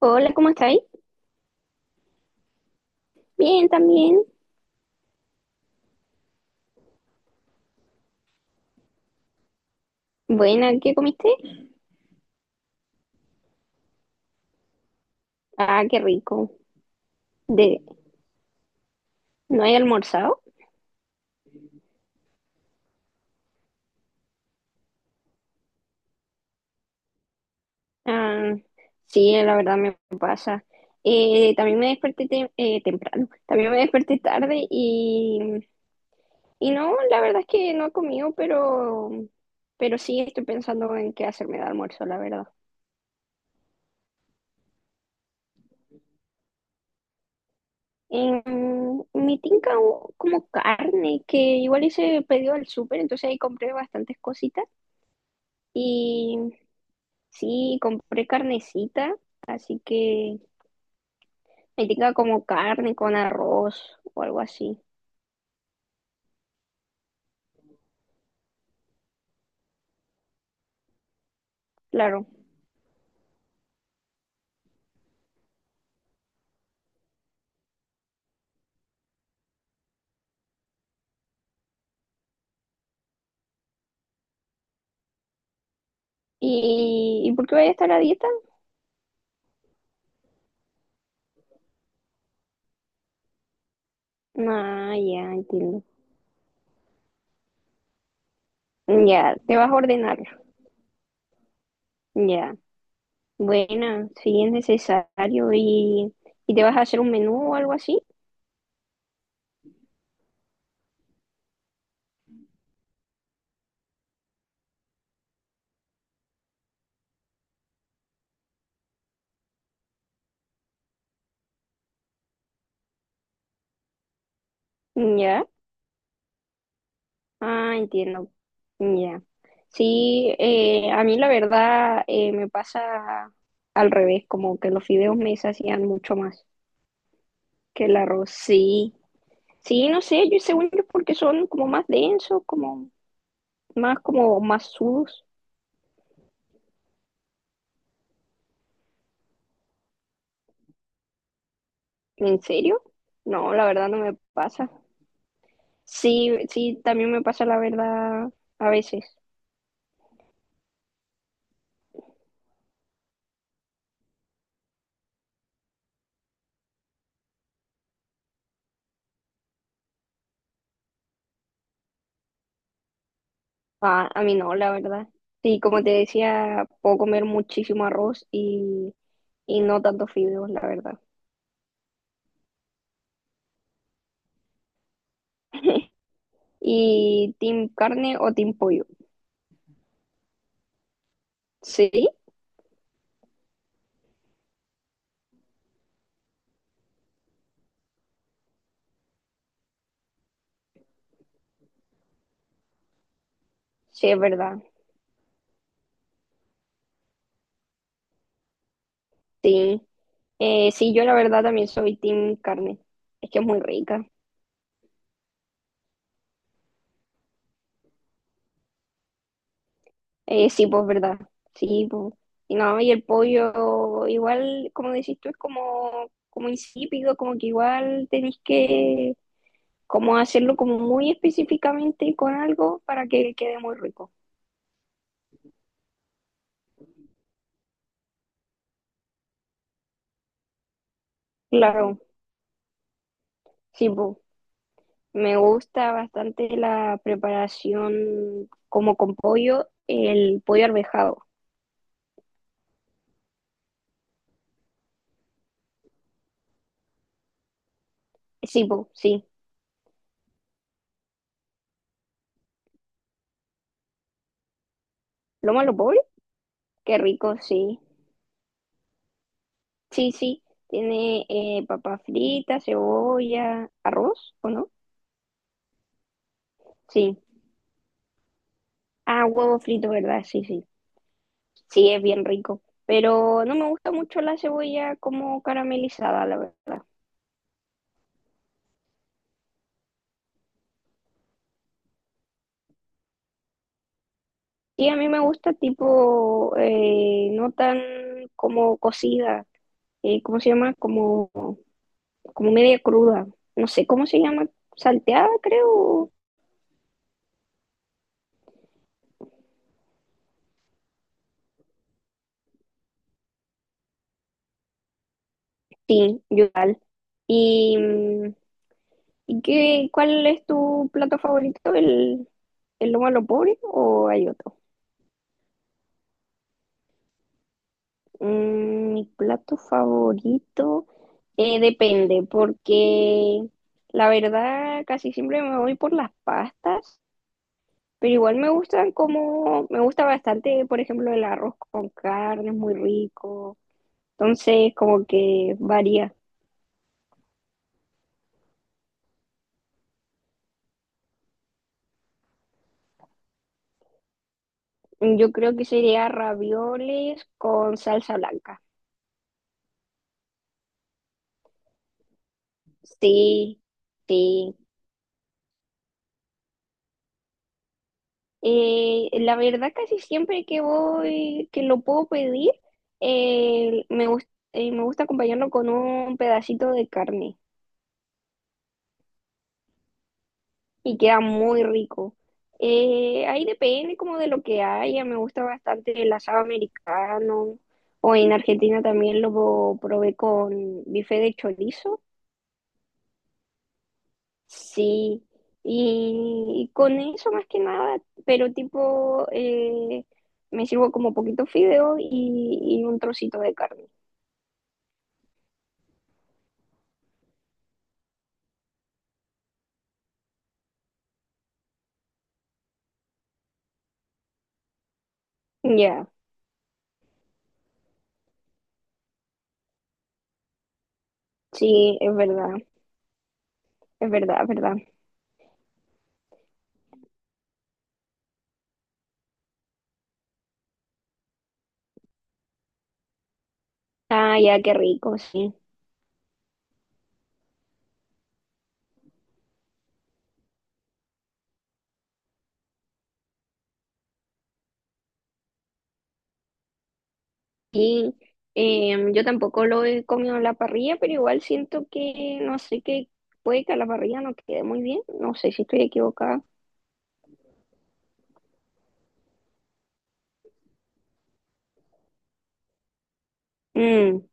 Hola, ¿cómo estáis? Bien, también. Buena, ¿qué comiste? Ah, qué rico. De, ¿no hay almorzado? Ah, sí, la verdad me pasa. También me desperté temprano, también me desperté tarde y no, la verdad es que no he comido, pero sí estoy pensando en qué hacerme de almuerzo, la verdad. En mi tinca hubo como carne, que igual hice pedido al súper, entonces ahí compré bastantes cositas. Sí, compré carnecita, así que ahí tenga como carne con arroz o algo así, claro. ¿Y por qué voy a estar a dieta? Ah, ya, entiendo. Ya, te vas a ordenar, ya. Buena, si es necesario y te vas a hacer un menú o algo así, ya. Ah, entiendo, ya. Sí, a mí la verdad me pasa al revés, como que los fideos me sacian mucho más que el arroz, sí. Sí, no sé, yo según yo porque son como más densos, como más sudos. ¿En serio? No, la verdad no me pasa. Sí, sí, también me pasa la verdad a veces. Ah, a mí no, la verdad. Sí, como te decía, puedo comer muchísimo arroz y no tantos fideos, la verdad. ¿Y team carne o team pollo? Sí, sí, es verdad. Sí, sí, yo la verdad también soy team carne. Es que es muy rica. Sí, pues verdad. Sí, pues. Y no, y el pollo, igual, como decís tú, es como, como insípido, como que igual tenés que como hacerlo como muy específicamente con algo para que quede muy rico. Claro, sí, pues. Me gusta bastante la preparación como con pollo, el pollo arvejado. Sí, pues, sí. ¿Loma lo pobre? Qué rico, sí. Sí, sí. Tiene papa frita, cebolla, arroz, ¿o no? Sí. Ah, huevo frito, ¿verdad? Sí, sí. Sí, es bien rico. Pero no me gusta mucho la cebolla como caramelizada, la verdad. Sí, a mí me gusta tipo, no tan como cocida, ¿cómo se llama? Como, como media cruda. No sé cómo se llama, salteada, creo. Sí, yo igual. ¿Y, mm, y qué, cuál es tu plato favorito? ¿El, ¿el lomo a lo pobre o hay otro? Mm, mi plato favorito depende, porque la verdad casi siempre me voy por las pastas, pero igual me gustan como, me gusta bastante, por ejemplo, el arroz con carne, es muy rico, entonces como que varía. Yo creo que sería ravioles con salsa blanca. Sí, sí. La verdad, casi siempre que voy, que lo puedo pedir, eh, me gus- me gusta acompañarlo con un pedacito de carne y queda muy rico. Ahí depende como de lo que haya, me gusta bastante el asado americano o en Argentina también lo probé con bife de chorizo. Sí, y con eso más que nada, pero tipo, me sirvo como poquito fideo y un trocito de carne. Ya, sí, es verdad, es verdad, es verdad. Ah, ya, qué rico, sí. Y yo tampoco lo he comido en la parrilla, pero igual siento que, no sé, que puede que a la parrilla no quede muy bien, no sé si estoy equivocada. Mm,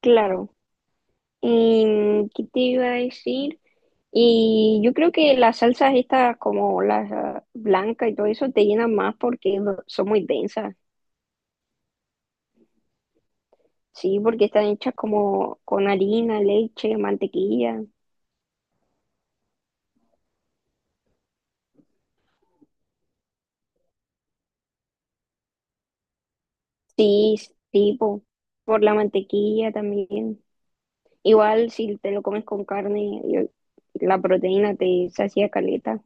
claro. ¿Qué te iba a decir? Y yo creo que las salsas estas, como las ah, blancas y todo eso, te llenan más porque son muy densas. Sí, porque están hechas como con harina, leche, mantequilla. Sí, tipo, por la mantequilla también. Igual si te lo comes con carne, la proteína te sacia caleta.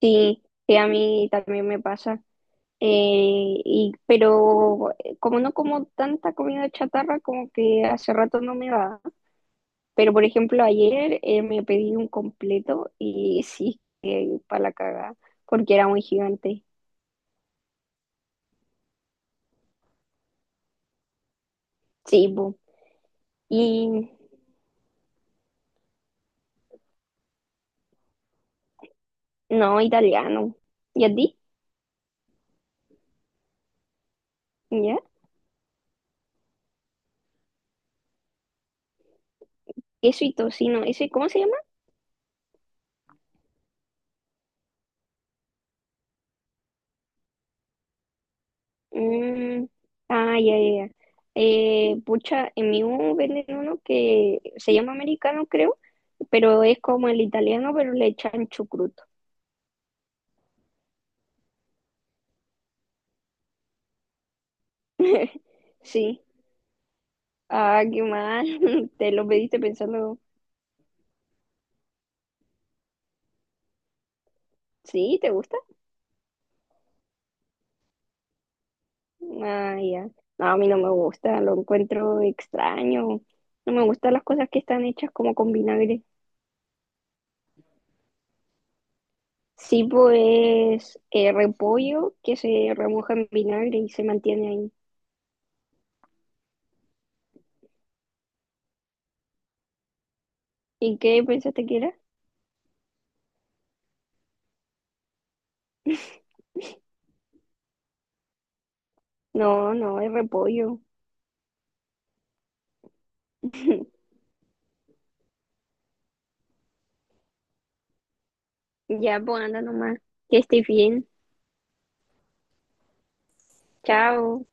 Sí, sí, a mí también me pasa. Como no como tanta comida chatarra, como que hace rato no me va. Pero por ejemplo, ayer me pedí un completo y sí, para la cagada, porque era muy gigante. Sí, po. Y no, italiano. ¿Y a ti? ¿Ya? Queso y tocino. ¿Ese cómo se llama? Mm, ah, ya, ya, ya. Pucha, en mi U venden uno que se llama americano, creo, pero es como el italiano, pero le echan chucrut. Sí. Ah, qué mal. Te lo pediste pensando, sí, ¿te gusta? Ah, ya. No, a mí no me gusta, lo encuentro extraño. No me gustan las cosas que están hechas como con vinagre. Sí, pues repollo que se remoja en vinagre y se mantiene ahí. ¿Y qué pensaste que era? No, no, es repollo. Ya, pues anda nomás. Que estés bien. Chao.